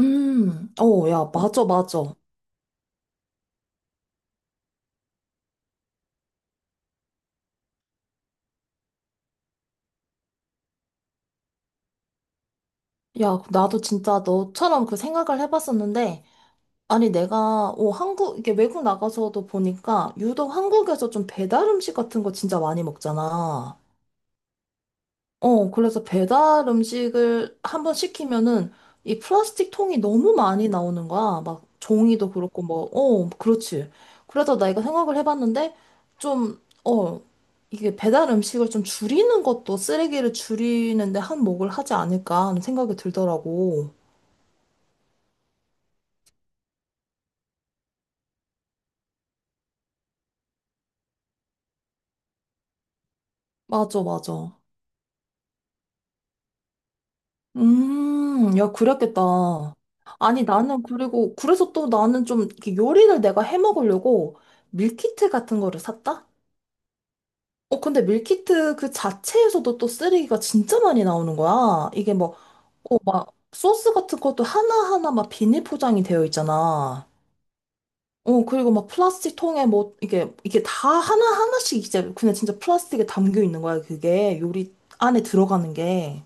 어, 야, 맞아, 맞아. 야, 나도 진짜 너처럼 그 생각을 해봤었는데, 아니, 내가, 한국, 이게 외국 나가서도 보니까, 유독 한국에서 좀 배달 음식 같은 거 진짜 많이 먹잖아. 어, 그래서 배달 음식을 한번 시키면은 이 플라스틱 통이 너무 많이 나오는 거야. 막 종이도 그렇고 뭐, 그렇지. 그래서 나 이거 생각을 해봤는데 좀, 이게 배달 음식을 좀 줄이는 것도 쓰레기를 줄이는데 한몫을 하지 않을까 하는 생각이 들더라고. 맞아, 맞아. 야, 그랬겠다. 아니, 나는 그리고, 그래서 또 나는 좀 이렇게 요리를 내가 해 먹으려고 밀키트 같은 거를 샀다? 어, 근데 밀키트 그 자체에서도 또 쓰레기가 진짜 많이 나오는 거야. 이게 뭐, 막, 소스 같은 것도 하나하나 막 비닐 포장이 되어 있잖아. 어, 그리고 막 플라스틱 통에 뭐, 이게 다 하나하나씩 이제 그냥 진짜 플라스틱에 담겨 있는 거야, 그게. 요리 안에 들어가는 게.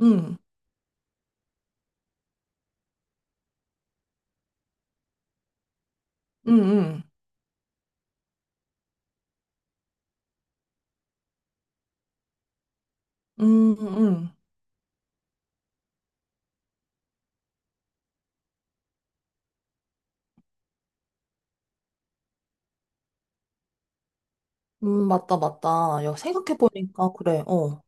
응, 응, 응. 응, 응, 응. 맞다, 맞다. 야, 생각해보니까, 그래, 어.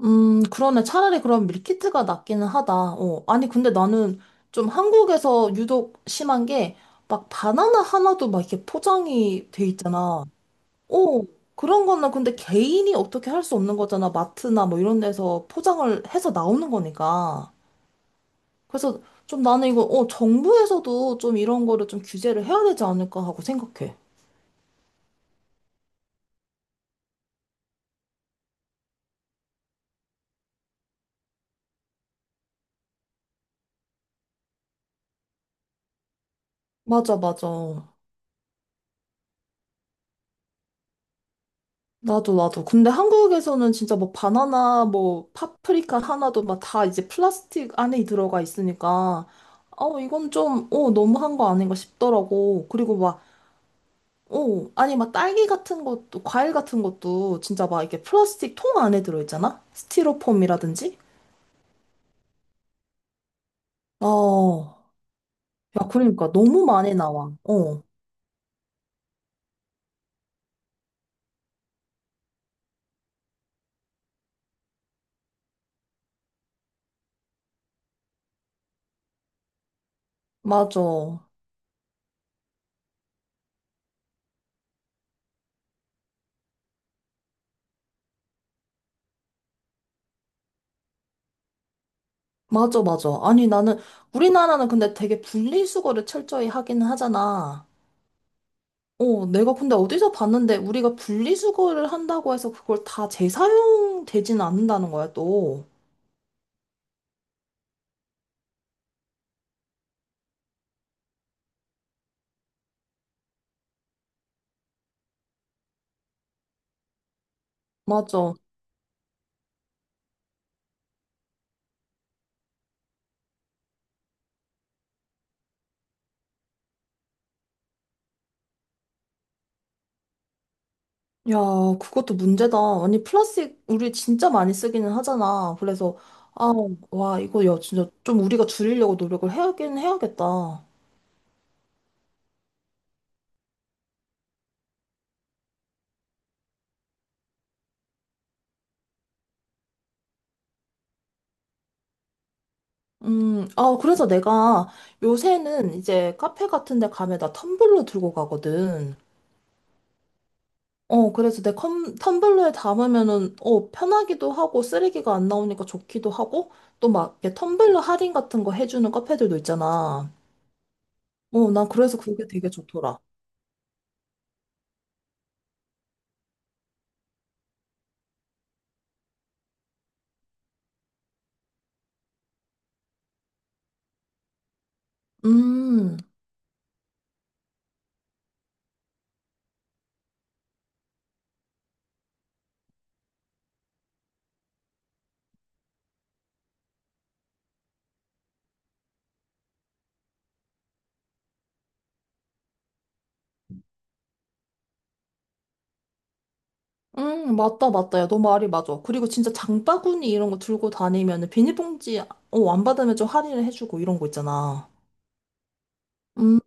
그러네. 차라리 그럼 밀키트가 낫기는 하다. 어. 아니, 근데 나는 좀 한국에서 유독 심한 게, 막 바나나 하나도 막 이렇게 포장이 돼 있잖아. 어, 그런 거는 근데 개인이 어떻게 할 수 없는 거잖아. 마트나 뭐 이런 데서 포장을 해서 나오는 거니까. 그래서 좀 나는 이거, 정부에서도 좀 이런 거를 좀 규제를 해야 되지 않을까 하고 생각해. 맞아, 맞아. 나도, 나도. 근데 한국에서는 진짜 뭐 바나나, 뭐 파프리카 하나도 막 다 이제 플라스틱 안에 들어가 있으니까, 어, 이건 좀, 너무한 거 아닌가 싶더라고. 그리고 막, 아니, 막 딸기 같은 것도, 과일 같은 것도 진짜 막 이렇게 플라스틱 통 안에 들어있잖아? 스티로폼이라든지? 어, 야, 그러니까 너무 많이 나와. 어, 맞아. 맞아, 맞아. 아니, 나는, 우리나라는 근데 되게 분리수거를 철저히 하기는 하잖아. 어, 내가 근데 어디서 봤는데 우리가 분리수거를 한다고 해서 그걸 다 재사용되지는 않는다는 거야, 또. 맞아. 야, 그것도 문제다. 아니, 플라스틱 우리 진짜 많이 쓰기는 하잖아. 그래서, 아, 와, 이거 야, 진짜 좀 우리가 줄이려고 노력을 해야긴 해야겠다. 아, 그래서 내가 요새는 이제 카페 같은 데 가면 나 텀블러 들고 가거든. 어, 그래서 텀블러에 담으면은, 어, 편하기도 하고, 쓰레기가 안 나오니까 좋기도 하고, 또 막, 이렇게 텀블러 할인 같은 거 해주는 카페들도 있잖아. 어, 난 그래서 그게 되게 좋더라. 음, 맞다, 맞다. 야, 너 말이 맞아. 그리고 진짜 장바구니 이런 거 들고 다니면은, 비닐봉지, 안 받으면 좀 할인을 해주고, 이런 거 있잖아. 음,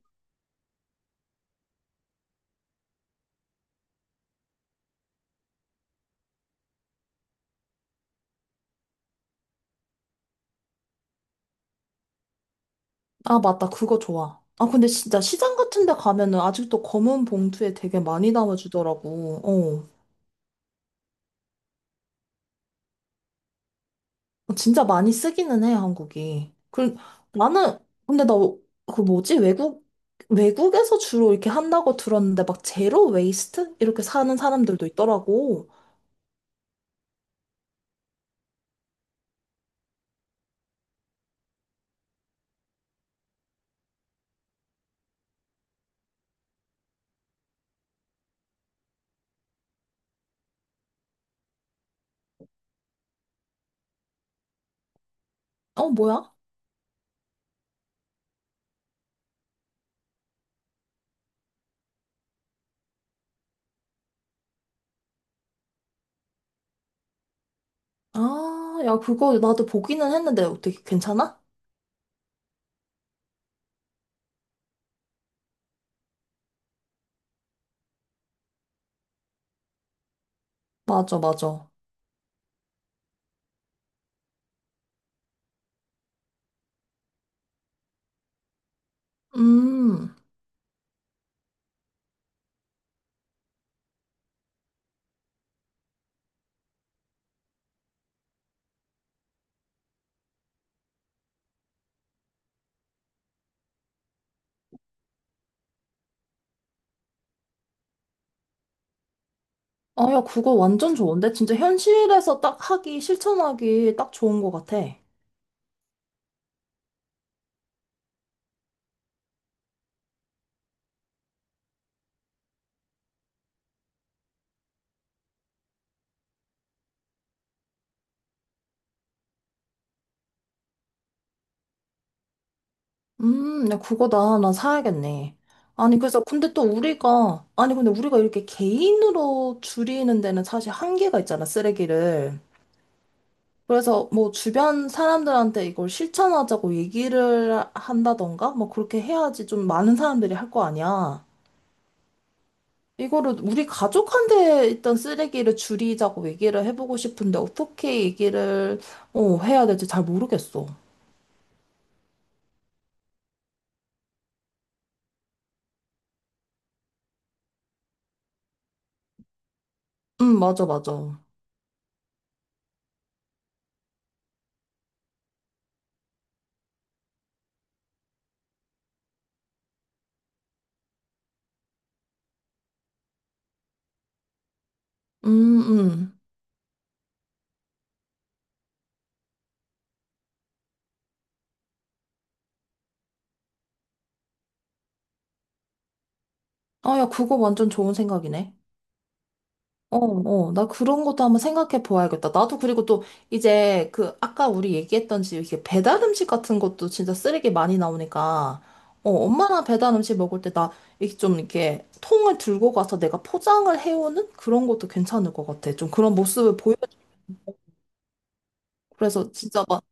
아, 맞다. 그거 좋아. 아, 근데 진짜 시장 같은 데 가면은, 아직도 검은 봉투에 되게 많이 담아주더라고. 어. 어, 진짜 많이 쓰기는 해, 한국이. 그, 나는, 근데 나, 그 뭐지? 외국, 외국에서 주로 이렇게 한다고 들었는데, 막 제로 웨이스트? 이렇게 사는 사람들도 있더라고. 어, 뭐야? 아, 야, 그거 나도 보기는 했는데, 어떻게 괜찮아? 맞아, 맞아. 음. 아, 야, 그거 완전 좋은데? 진짜 현실에서 딱 하기, 실천하기 딱 좋은 것 같아. 나 그거 나 사야겠네. 아니, 그래서, 근데 또 우리가, 아니, 근데 우리가 이렇게 개인으로 줄이는 데는 사실 한계가 있잖아, 쓰레기를. 그래서 뭐 주변 사람들한테 이걸 실천하자고 얘기를 한다던가, 뭐 그렇게 해야지 좀 많은 사람들이 할 거 아니야. 이거를 우리 가족한테 있던 쓰레기를 줄이자고 얘기를 해보고 싶은데, 어떻게 얘기를, 해야 될지 잘 모르겠어. 맞아, 맞아. 음, 음. 아, 야, 그거 완전 좋은 생각이네. 어, 어, 나 그런 것도 한번 생각해 보아야겠다. 나도 그리고 또 이제 그 아까 우리 얘기했던지 이렇게 배달 음식 같은 것도 진짜 쓰레기 많이 나오니까 어, 엄마랑 배달 음식 먹을 때 나 이렇게 좀 이렇게 통을 들고 가서 내가 포장을 해오는 그런 것도 괜찮을 것 같아. 좀 그런 모습을 보여. 그래서 진짜 막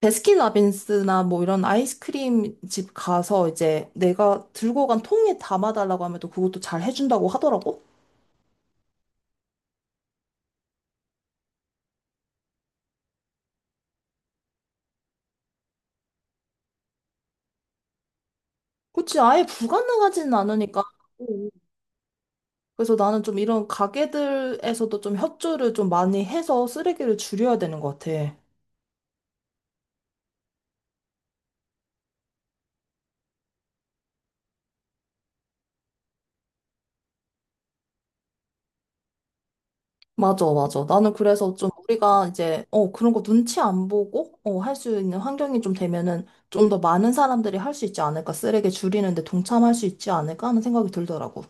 배스킨라빈스나 뭐 이런 아이스크림 집 가서 이제 내가 들고 간 통에 담아달라고 하면 또 그것도 잘 해준다고 하더라고. 그치, 아예 불가능하진 않으니까. 어, 어. 그래서 나는 좀 이런 가게들에서도 좀 협조를 좀 많이 해서 쓰레기를 줄여야 되는 것 같아. 맞아, 맞아. 나는 그래서 좀 우리가 이제, 그런 거 눈치 안 보고, 할 수 있는 환경이 좀 되면은 좀 더 많은 사람들이 할 수 있지 않을까. 쓰레기 줄이는데 동참할 수 있지 않을까 하는 생각이 들더라고.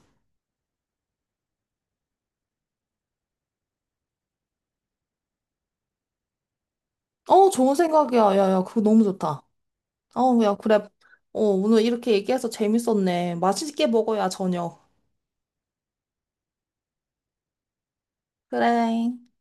어, 좋은 생각이야. 야, 야, 그거 너무 좋다. 어, 야, 그래. 어, 오늘 이렇게 얘기해서 재밌었네. 맛있게 먹어야 저녁. 그래.